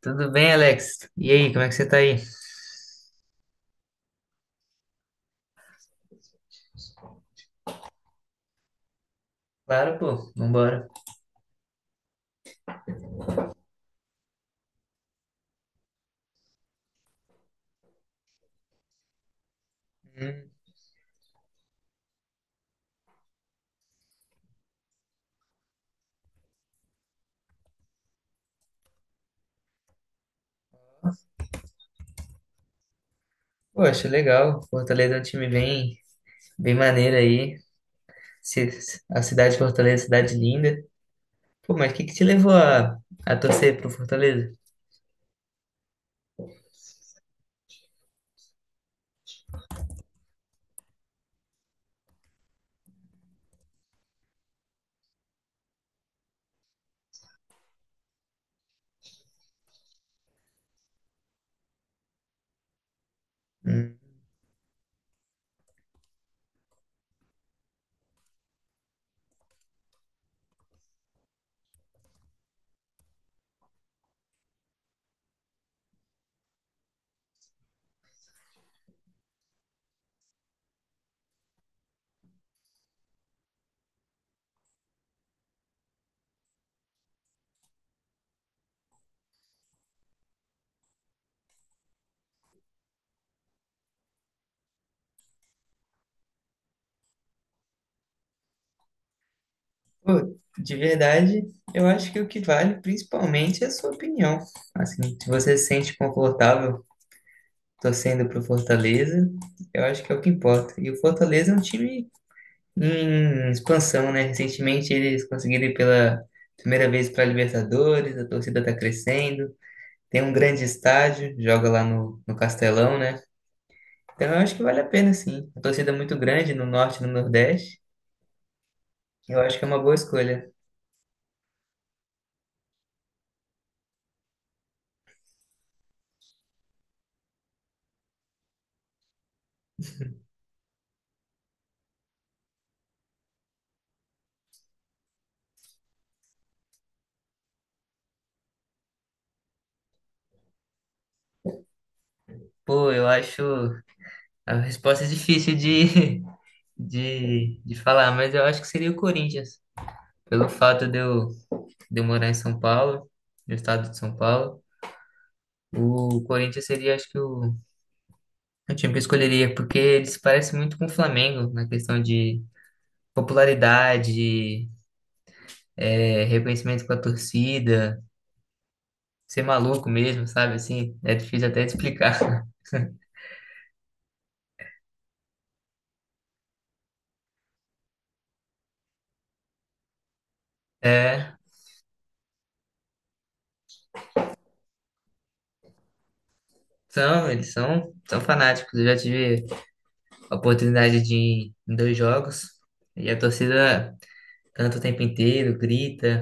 Tudo bem, Alex? E aí, como é que você tá aí? Claro, pô, vambora. Hum, pô, acho legal. Fortaleza é um time bem maneiro aí. Ci- A cidade de Fortaleza é uma cidade linda. Pô, mas o que que te levou a torcer pro Fortaleza? Hum, pô, de verdade, eu acho que o que vale principalmente é a sua opinião. Assim, se você se sente confortável torcendo pro Fortaleza, eu acho que é o que importa. E o Fortaleza é um time em expansão, né? Recentemente eles conseguiram ir pela primeira vez para a Libertadores, a torcida está crescendo, tem um grande estádio, joga lá no Castelão, né? Então eu acho que vale a pena, sim. A torcida é muito grande no Norte e no Nordeste, eu acho que é uma boa escolha. Pô, eu acho a resposta é difícil de falar, mas eu acho que seria o Corinthians, pelo fato de eu morar em São Paulo, no estado de São Paulo. O Corinthians seria, acho que, o É o time que eu escolheria, porque ele se parece muito com o Flamengo na questão de popularidade, reconhecimento com a torcida, ser maluco mesmo, sabe? Assim, é difícil até de explicar. É, eles são fanáticos. Eu já tive a oportunidade de ir em dois jogos e a torcida canta o tempo inteiro, grita,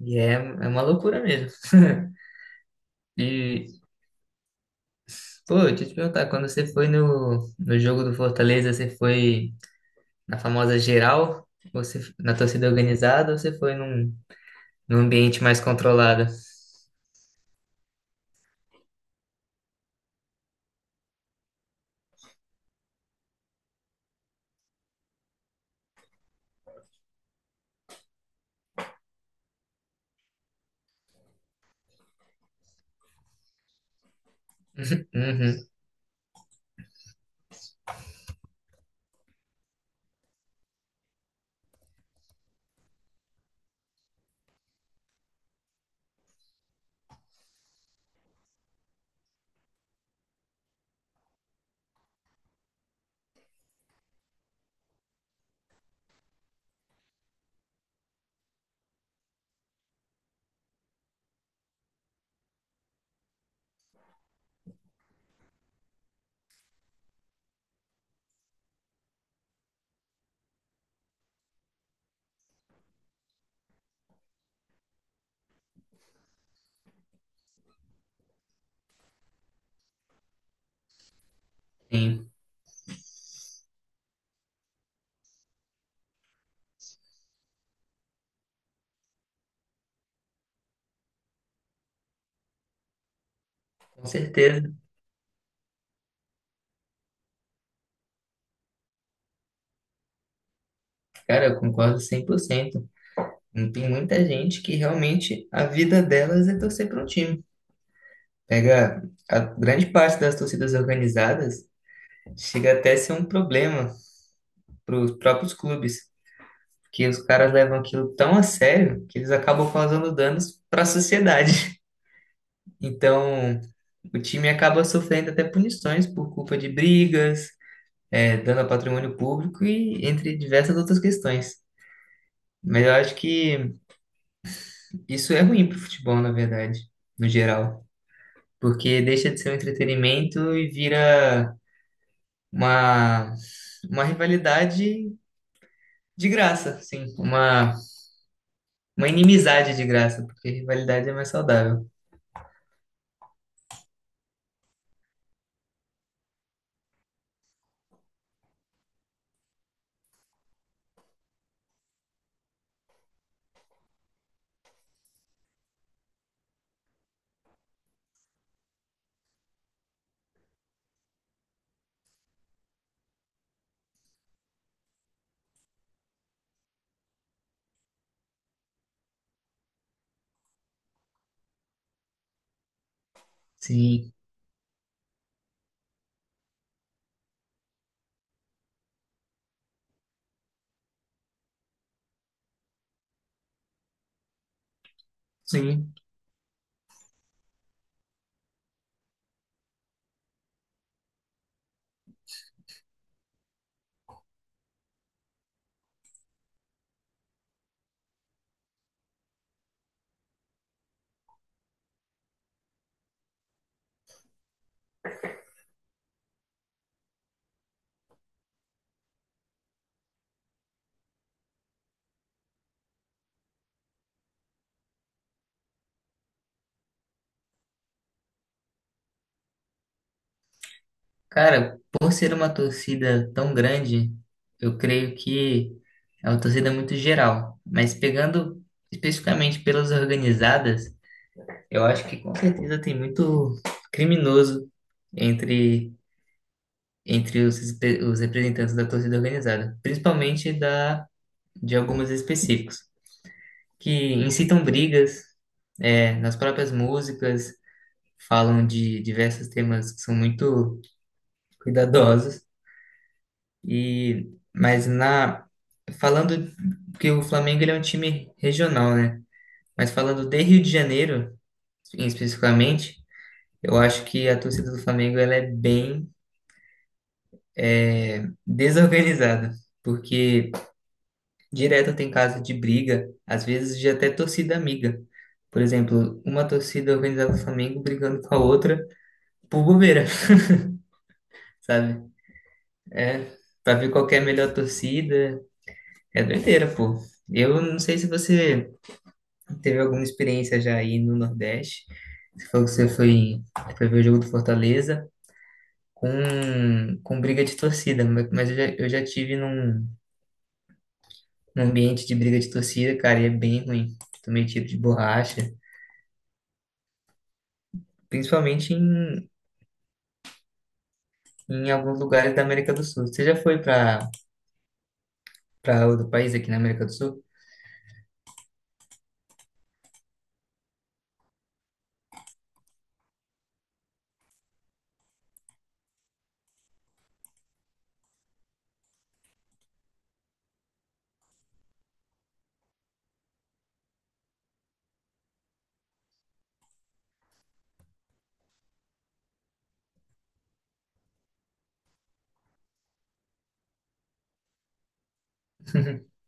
e é uma loucura mesmo. E, pô, deixa eu te perguntar, quando você foi no jogo do Fortaleza, você foi. Na famosa geral, você na torcida organizada, ou você foi num ambiente mais controlado? Uhum, sim, com certeza. Cara, eu concordo 100%. Não Tem muita gente que realmente a vida delas é torcer para um time. Pega a grande parte das torcidas organizadas, chega até a ser um problema para os próprios clubes, porque os caras levam aquilo tão a sério que eles acabam causando danos para a sociedade. Então, o time acaba sofrendo até punições por culpa de brigas, é, dano ao patrimônio público e entre diversas outras questões. Mas eu acho que isso é ruim para o futebol, na verdade, no geral, porque deixa de ser um entretenimento e vira uma, uma rivalidade de graça, sim, uma inimizade de graça, porque rivalidade é mais saudável. Sim, sim. Cara, por ser uma torcida tão grande, eu creio que é uma torcida muito geral. Mas pegando especificamente pelas organizadas, eu acho que com certeza tem muito criminoso entre, entre os representantes da torcida organizada, principalmente de algumas específicos, que incitam brigas, é, nas próprias músicas, falam de diversos temas que são muito cuidadosos. E mas na Falando que o Flamengo ele é um time regional, né? Mas falando de Rio de Janeiro, especificamente, eu acho que a torcida do Flamengo ela é bem desorganizada, porque direto tem caso de briga, às vezes de até torcida amiga. Por exemplo, uma torcida organizada do Flamengo brigando com a outra por bobeira, sabe? É, pra ver qual que é a melhor torcida, é doideira, pô. Eu não sei se você Teve alguma experiência já aí no Nordeste? Você falou que você foi ver o jogo do Fortaleza com, com briga de torcida, mas eu já tive num ambiente de briga de torcida, cara, e é bem ruim. Tomei tiro de borracha, principalmente em alguns lugares da América do Sul. Você já foi para outro país aqui na América do Sul?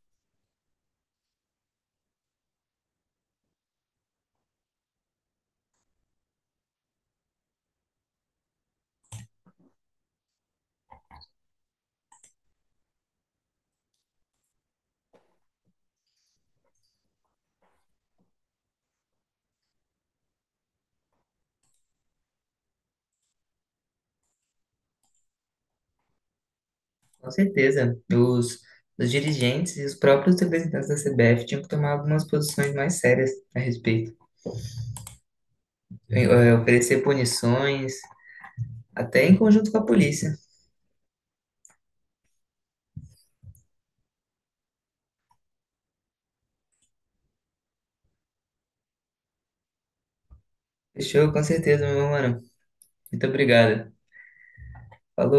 Com certeza. Os dirigentes e os próprios representantes da CBF tinham que tomar algumas posições mais sérias a respeito. Eh, oferecer punições, até em conjunto com a polícia. Fechou, com certeza, meu mano. Muito obrigado. Falou.